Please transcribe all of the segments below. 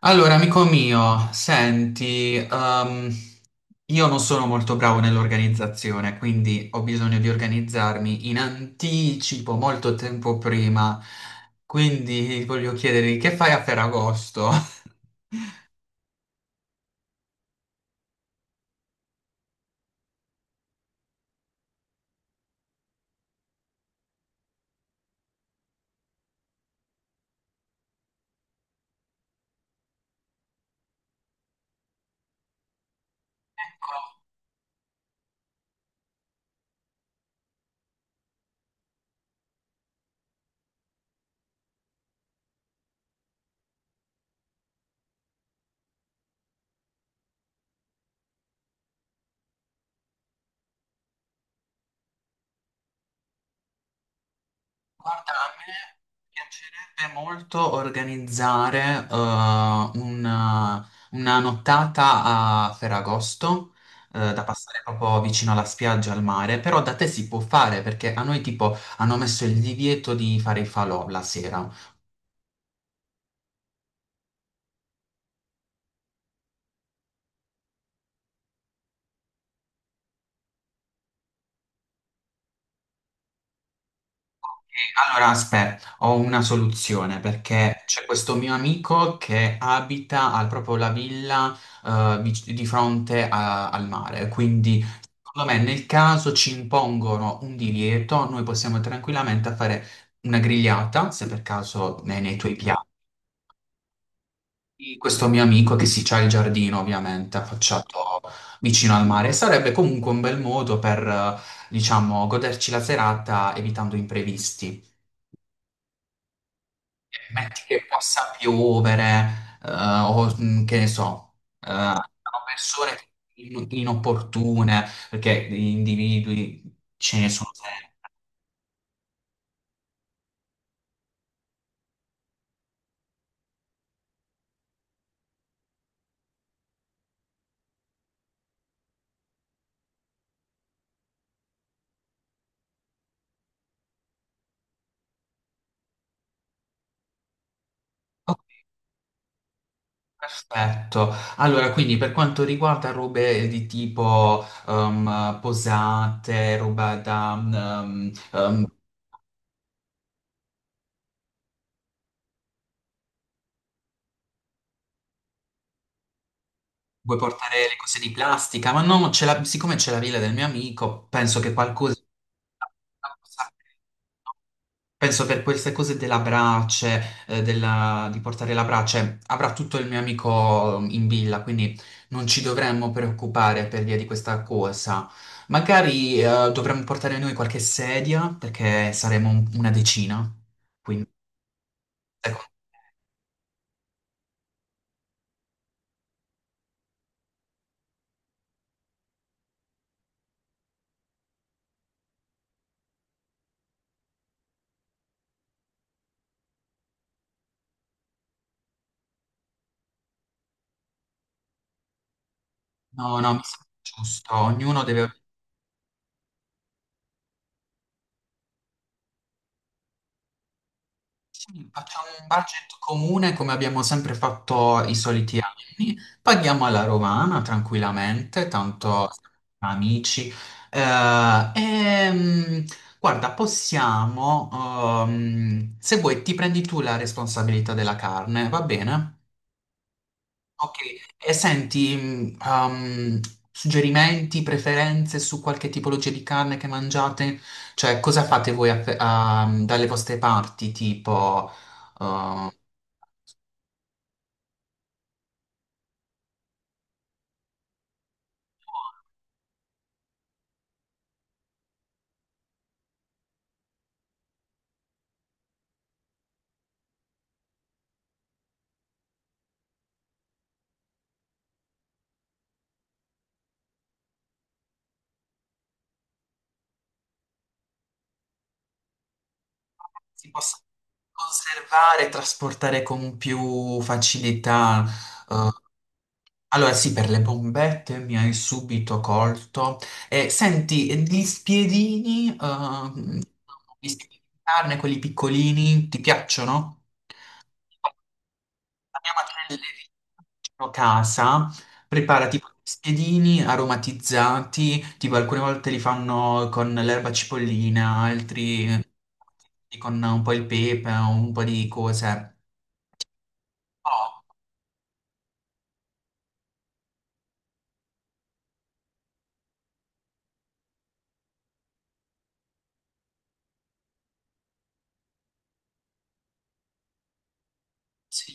Allora, amico mio, senti, io non sono molto bravo nell'organizzazione, quindi ho bisogno di organizzarmi in anticipo, molto tempo prima. Quindi voglio chiederti che fai a Ferragosto? Guarda, a me piacerebbe molto organizzare una nottata a Ferragosto, da passare proprio vicino alla spiaggia, al mare, però da te si può fare perché a noi tipo hanno messo il divieto di fare i falò la sera. Allora, aspetta, ho una soluzione perché c'è questo mio amico che abita proprio la villa di fronte al mare, quindi secondo me nel caso ci impongono un divieto, noi possiamo tranquillamente fare una grigliata, se per caso nei tuoi piani. Questo mio amico che si c'ha il giardino ovviamente affacciato vicino al mare, sarebbe comunque un bel modo per, diciamo, goderci la serata evitando imprevisti. Metti che possa piovere, o che ne so, sono persone inopportune, perché gli individui ce ne sono sempre. Ok. Perfetto. Allora, quindi per quanto riguarda robe di tipo posate, roba da... Vuoi portare le cose di plastica? Ma no, siccome c'è la villa del mio amico, penso che qualcosa... Penso per queste cose della brace, di portare la brace, avrà tutto il mio amico in villa, quindi non ci dovremmo preoccupare per via di questa cosa. Magari, dovremmo portare noi qualche sedia, perché saremo una decina. Quindi, ecco, no, no, mi sembra giusto. Ognuno deve... Sì, facciamo un budget comune come abbiamo sempre fatto i soliti anni, paghiamo alla romana tranquillamente, tanto siamo amici. Eh, ehm, guarda, se vuoi, ti prendi tu la responsabilità della carne, va bene? Ok, e senti, suggerimenti, preferenze su qualche tipologia di carne che mangiate? Cioè, cosa fate voi a dalle vostre parti, tipo, uh, si possa conservare e trasportare con più facilità? Allora, sì, per le bombette mi hai subito colto. E senti, e gli spiedini di carne, quelli piccolini, ti piacciono? Andiamo a prendere vicino casa, prepara tipo dei spiedini aromatizzati, tipo alcune volte li fanno con l'erba cipollina, altri con un po' il pepe, un po' di cose. Oh, sì.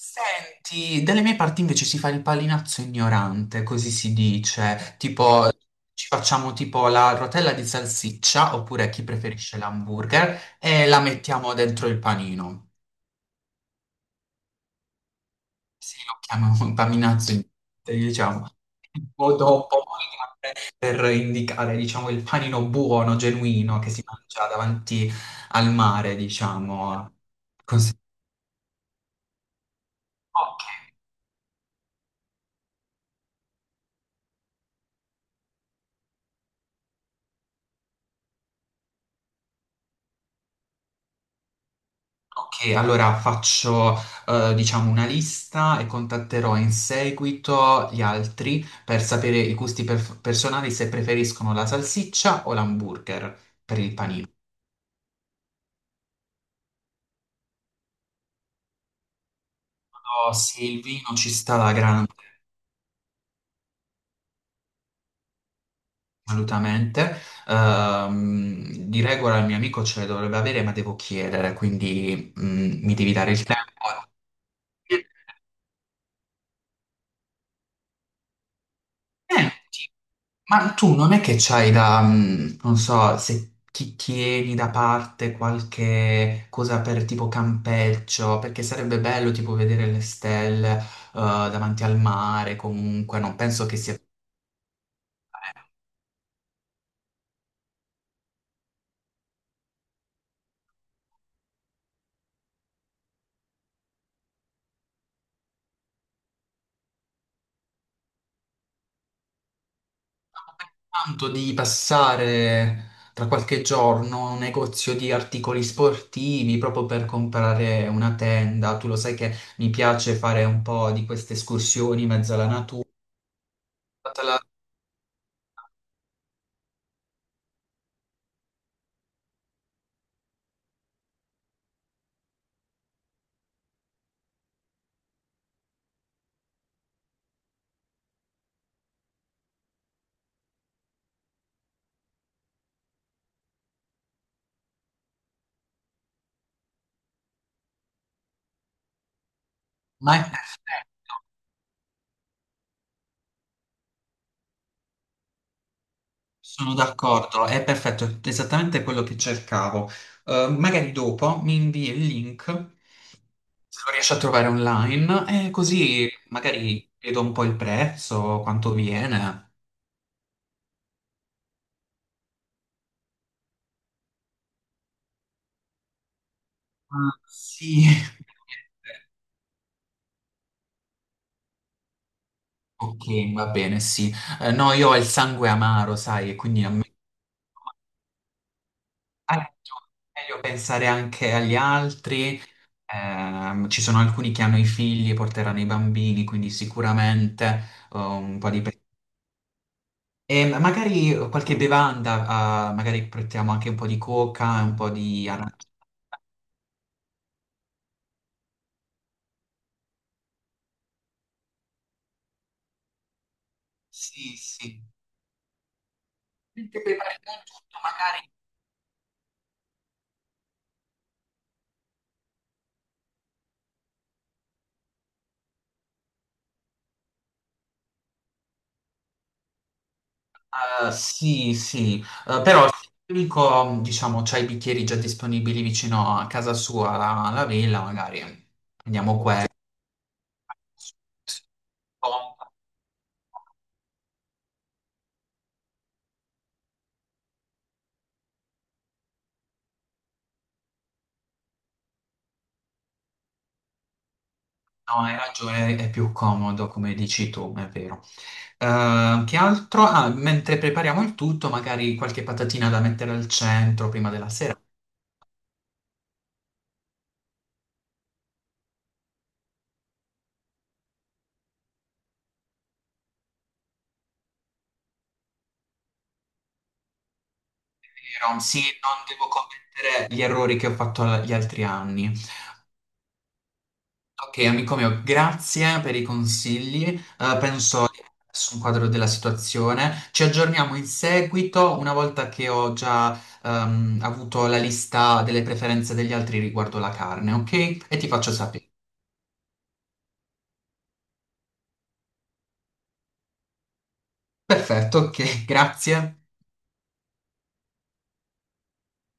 Senti, dalle mie parti invece si fa il palinazzo ignorante, così si dice, tipo ci facciamo tipo la rotella di salsiccia, oppure chi preferisce l'hamburger, e la mettiamo dentro il panino. Sì, lo chiamano contaminazzo, diciamo, un po' troppo per indicare, diciamo, il panino buono, genuino, che si mangia davanti al mare, diciamo. Cons- Ok, ok, allora faccio, diciamo, una lista e contatterò in seguito gli altri per sapere i gusti personali se preferiscono la salsiccia o l'hamburger per il panino. Oh, sì, il vino ci sta alla grande. Assolutamente. Di regola il mio amico ce le dovrebbe avere, ma devo chiedere, quindi mi devi dare il tempo. Eh, ti- ma tu non è che c'hai da, non so, se ti tieni da parte qualche cosa per tipo campeggio, perché sarebbe bello tipo vedere le stelle davanti al mare, comunque non penso che sia... Tanto di passare tra qualche giorno a un negozio di articoli sportivi proprio per comprare una tenda. Tu lo sai che mi piace fare un po' di queste escursioni in mezzo alla natura. Te la- Ma è perfetto, sono d'accordo, è perfetto, è esattamente quello che cercavo. Magari dopo mi invii il link, se lo riesci a trovare online, e così magari vedo un po' il prezzo, quanto viene. Ah, sì. Ok, va bene, sì. No, io ho il sangue amaro, sai, e quindi a me è meglio pensare anche agli altri. Ci sono alcuni che hanno i figli e porteranno i bambini, quindi sicuramente un po' di... pe- E magari qualche bevanda, magari portiamo anche un po' di coca, un po' di arancia. Sì, sì. Mentre prepariamo tutto, magari... sì, sì, eh, però se l'unico, diciamo, c'ha i bicchieri già disponibili vicino a casa sua, alla villa, magari andiamo qua. No, hai ragione, è più comodo, come dici tu, è vero. Che altro? Ah, mentre prepariamo il tutto, magari qualche patatina da mettere al centro prima della sera. Vero? Sì, non devo commettere gli errori che ho fatto gli altri anni. Ok, amico mio, grazie per i consigli. Penso di aver messo un quadro della situazione. Ci aggiorniamo in seguito, una volta che ho già avuto la lista delle preferenze degli altri riguardo la carne, ok? E ti faccio sapere. Perfetto, ok, grazie.